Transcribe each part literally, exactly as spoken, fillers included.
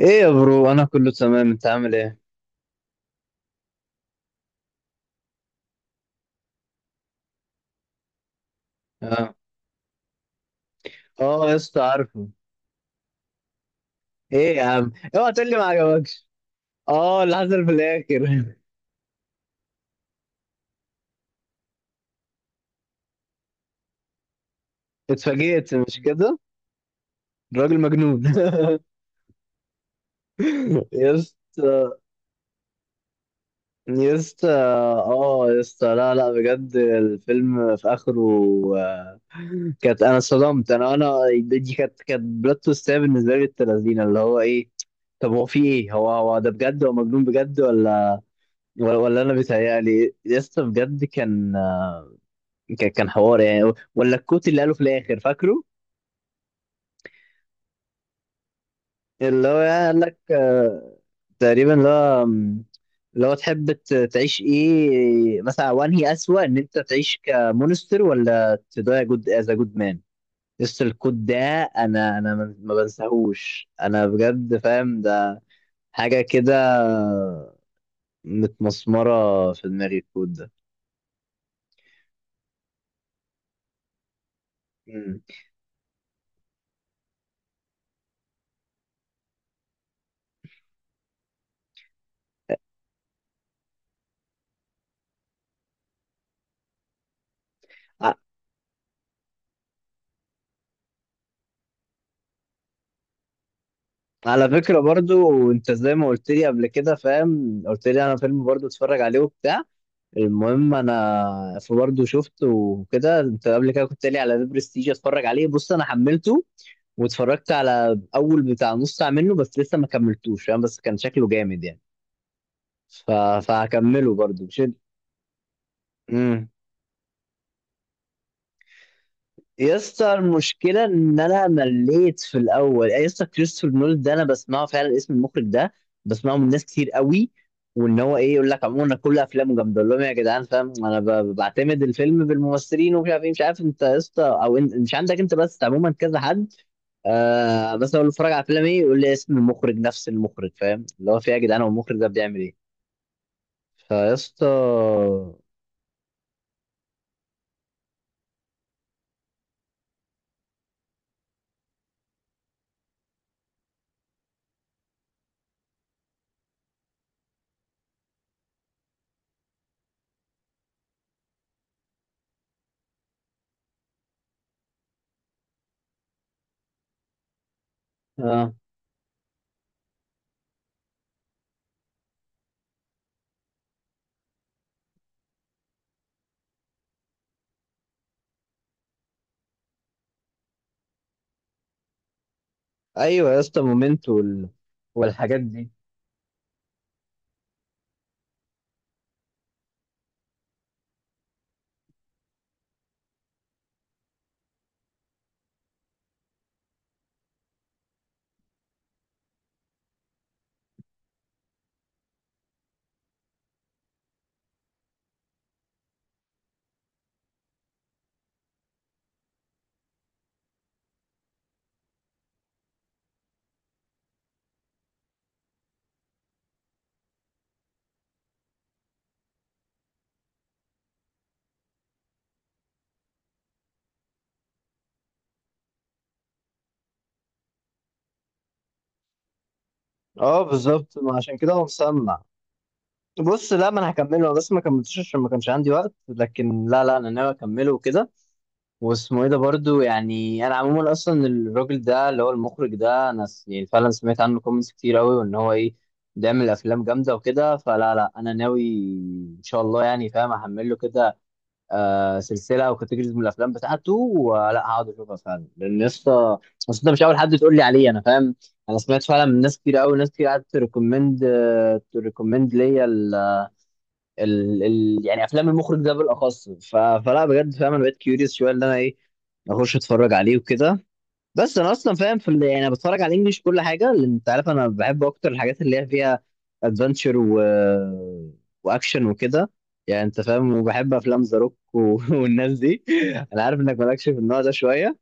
ايه يا برو، انا كله تمام، انت عامل ايه؟ اه. اه يا اسطى، عارفه. ايه يا عم، اوعى تقول لي ما عجبكش؟ اه، اللي حصل في الاخر. اتفاجئت، مش كده؟ الراجل مجنون. يا اسطى. يا اسطى، اه يا اسطى، لا لا بجد الفيلم في اخره آه، كانت، انا صدمت، انا انا دي كانت كانت بلوت تويستيه بالنسبه لي، التلازينه اللي هو ايه. طب هو في ايه، هو هو ده بجد هو مجنون بجد ولا، ولا ولا انا بيتهيألي يا اسطى؟ بجد كان آه، كان كان حوار يعني، و- ولا الكوت اللي قاله في الاخر فاكره؟ اللي هو يعني قال لك آه، تقريبا اللي هو م، اللي هو تحب ت- تعيش ايه مثلا، وانهي اسوأ، ان انت تعيش كمونستر ولا تضيع جود از جود مان. يس الكوت ده، انا انا ما ما بنساهوش، انا بجد فاهم ده، حاجه كده متمسمره في دماغي الكوت ده. مم. ع- على فكره برضو انت زي ما قلت لي قبل كده فاهم، قلت لي انا فيلم برضو اتفرج عليه وبتاع. المهم انا برضه شفته وكده، انت قبل كده كنت قايل لي على ذا برستيج اتفرج عليه. بص انا حملته واتفرجت على اول بتاع نص ساعه منه بس، لسه ما كملتوش فاهم، بس كان شكله جامد يعني. ف... فهكمله برضه مش. امم يا اسطى المشكله ان انا مليت في الاول يعني، يا اسطى كريستوفر نول ده انا بسمعه فعلا، اسم المخرج ده بسمعه من ناس كتير قوي، وان هو ايه، يقول لك عموما أنا كل افلامه جامده. اقول لهم يا جدعان فاهم، انا ب- بعتمد الفيلم بالممثلين ومش عارف ايه، مش عارف انت يا اسطى او إن- مش عندك انت، بس عموما كذا حد. آه بس اقول له اتفرج على فيلم، ايه يقول لي اسم المخرج نفس المخرج. فاهم اللي هو في إيه يا جدعان، هو المخرج ده بيعمل ايه؟ فيا اسطى. اه ايوه يا اسطى مومنتو وال... والحاجات دي. اه بالظبط، ما عشان كده هو مسمع. بص لا، ما انا هكمله، انا بس ما كملتوش عشان ما كانش عندي وقت، لكن لا لا انا ناوي اكمله وكده. واسمه ايه ده برضو يعني، انا عموما اصلا الراجل ده اللي هو المخرج ده انا س- يعني فعلا سمعت عنه كومنتس كتير قوي، وان هو ايه بيعمل افلام جامده وكده. فلا لا انا ناوي ان شاء الله يعني فاهم، احمله كده آه سلسله او كاتيجوريز من الافلام بتاعته، ولا هقعد اشوفها فعلا، لان يا اسطى بس انت مش اول حد تقول لي عليه انا فاهم. انا سمعت فعلا من ناس كتير قوي، ناس كتير قعدت تريكومند، تريكومند ليا ال ال ال يعني افلام المخرج ده بالاخص. ف... فلا بجد فاهم انا بقيت كيوريوس شويه ان انا ايه، اخش اتفرج عليه وكده. بس انا اصلا فاهم في ال- يعني انا بتفرج على الانجليش كل حاجه، لان انت عارف انا بحب اكتر الحاجات اللي هي فيها ادفنتشر و... واكشن وكده، يعني انت فاهم. وبحب افلام ذا روك و... والناس دي. انا عارف انك مالكش في النوع ده شويه،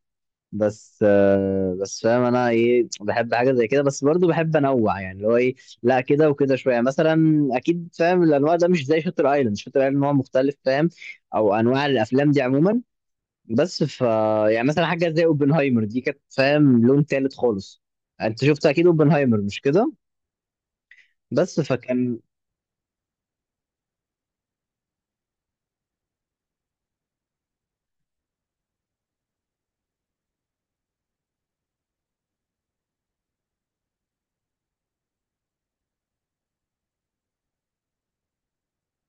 بس آه، بس فاهم انا ايه، بحب حاجه زي كده، بس برضو بحب انوع يعني اللي هو ايه، لا كده وكده شويه مثلا، اكيد فاهم الانواع ده مش زي شاتر ايلاند. شاتر ايلاند نوع مختلف فاهم، او انواع الافلام دي عموما. بس ف، يعني مثلا حاجه زي اوبنهايمر دي كانت فاهم لون تالت خالص. انت شفت اكيد اوبنهايمر، مش كده؟ بس فكان.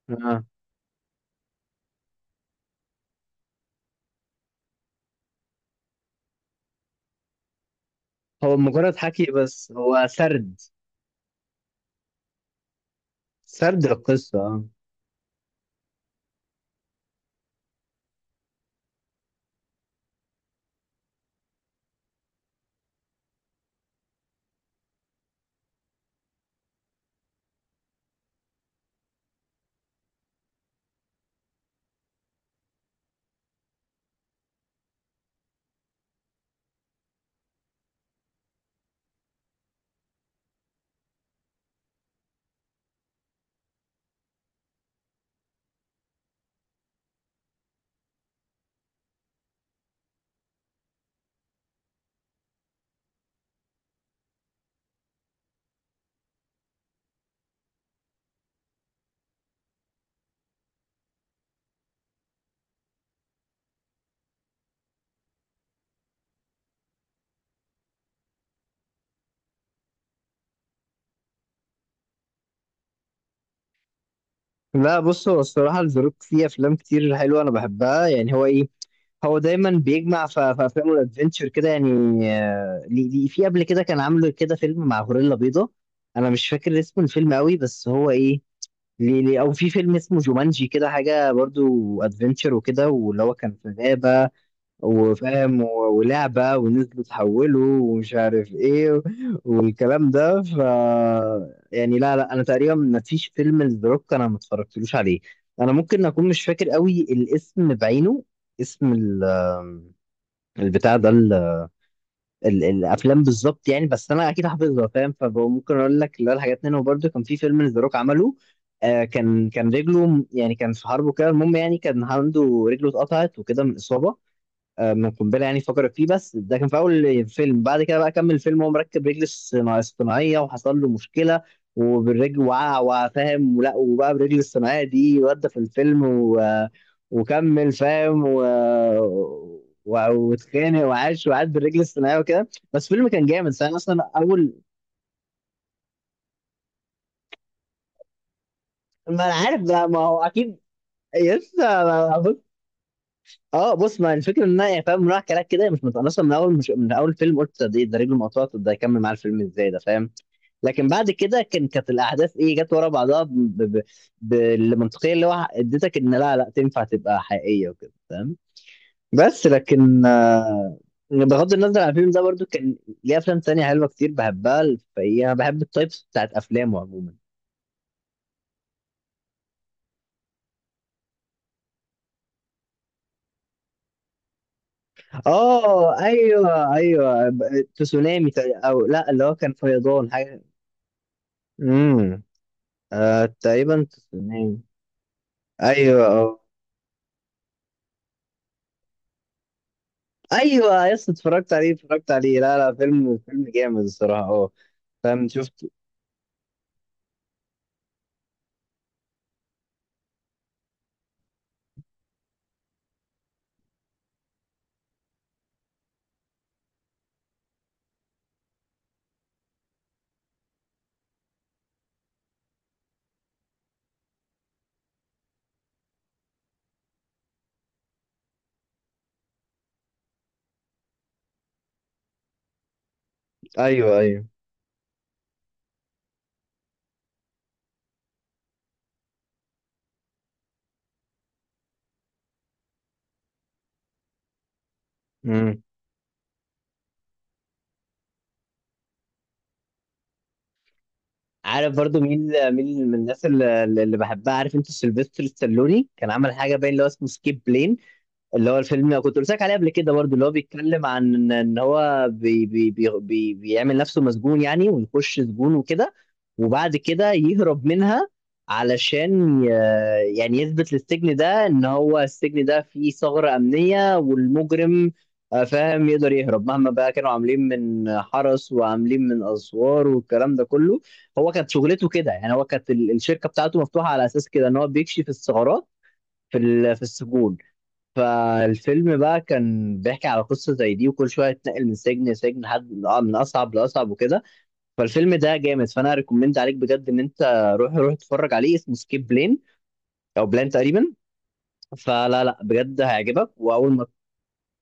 آه. هو مجرد حكي، بس هو سرد، سرد القصه آه. لا بص، هو الصراحه الزروك فيه افلام كتير حلوه انا بحبها، يعني هو ايه، هو دايما بيجمع ف- في افلامه الادفنتشر كده يعني. آه، ليه- ليه- في قبل كده كان عامل كده فيلم مع غوريلا بيضاء، انا مش فاكر اسم الفيلم قوي، بس هو ايه، ليه ليه او في فيلم اسمه جومانجي كده حاجه، برضو ادفنتشر وكده، واللي هو كان في غابه وفاهم، و- ولعبه ونزلوا تحولوا ومش عارف ايه والكلام ده. ف يعني لا لا، انا تقريبا ما فيش فيلم لدروك انا ما اتفرجتلوش عليه. انا ممكن اكون مش فاكر قوي الاسم بعينه، اسم ال- البتاع ده، ال- الافلام بالظبط يعني، بس انا اكيد حافظها فاهم. فممكن اقول لك اللي هو الحاجات منهم، برضه كان في فيلم ذا روك عمله آه، كان كان رجله م- يعني كان في حرب وكده، المهم يعني كان عنده رجله اتقطعت وكده من اصابه آه، من قنبله يعني فقرت فيه. بس ده كان في اول فيلم، بعد كده بقى كمل الفيلم وهو مركب رجل صنا- اصطناعيه، وحصل له مشكله وبالرجل وقع وفاهم، ولا وبقى بالرجل الصناعيه دي ودى في الفيلم و... وكمل فاهم و... و... واتخانق وعاش وقعد بالرجل الصناعيه وكده. بس الفيلم كان جامد، بس انا اصلا اول ما. انا عارف ده، ما هو اكيد. يس. اه بص، ما الفكره ان انا يعني فاهم رايح كلام كده مش مت- انا اصلا من اول، مش من اول فيلم قلت ده إيه، ده رجله مقطوعه، طب ده هيكمل معاه الفيلم ازاي ده فاهم. لكن بعد كده كان، كانت الاحداث ايه جت ورا بعضها ب... ب... بالمنطقيه اللي هو اديتك ان لا لا تنفع تبقى حقيقيه وكده فاهم. بس لكن آه، بغض النظر عن الفيلم ده برضو كان ليه افلام تانية حلوه كتير بحبها، فهي انا بحب التايبس بتاعت افلامه عموما. اه ايوه ايوه، ب- تسونامي تق- او لا، اللي هو كان فيضان حاجه. امم آه تقريبا تسونامي. ايوه، اه ايوه، يس اتفرجت عليه، اتفرجت عليه، لا لا فيلم، فيلم جامد الصراحه، اه. فاهم شفت. ايوه ايوه. امم عارف برضو مين مين من الناس اللي, اللي بحبها، عارف انت سيلفستر ستالوني كان عمل حاجه باين اللي هو اسمه سكيب بلين. اللي هو الفيلم كنت قلت لك عليه قبل كده برضو، اللي هو بيتكلم عن ان إن هو بي بي بي بي بيعمل نفسه مسجون يعني، ويخش سجون وكده، وبعد كده يهرب منها، علشان ي- يعني يثبت للسجن ده ان هو السجن ده فيه ثغرة أمنية، والمجرم آه، فاهم يقدر يهرب مهما بقى كانوا عاملين من حرس، وعاملين من اسوار والكلام ده كله. هو كانت شغلته كده يعني، هو كانت ال- الشركة بتاعته مفتوحة على اساس كده ان هو بيكشف الثغرات في ال- في السجون. فالفيلم بقى كان بيحكي على قصة زي دي، وكل شوية تنقل من سجن لسجن لحد آه، من أصعب لأصعب وكده. فالفيلم ده جامد، فأنا ريكومند عليك بجد، إن أنت روح روح اتفرج عليه، اسمه سكيب بلين، أو بلان تقريبا. فلا لا بجد هيعجبك، وأول ما.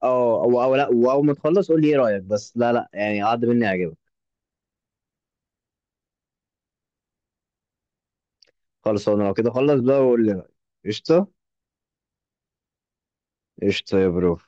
أه أو، أو لا، وأول ما تخلص قول لي إيه رأيك، بس لا لا يعني عاد مني هيعجبك. خلاص أنا لو كده، خلص بقى وقول لي رأيك. قشطة. قشطة يا برو.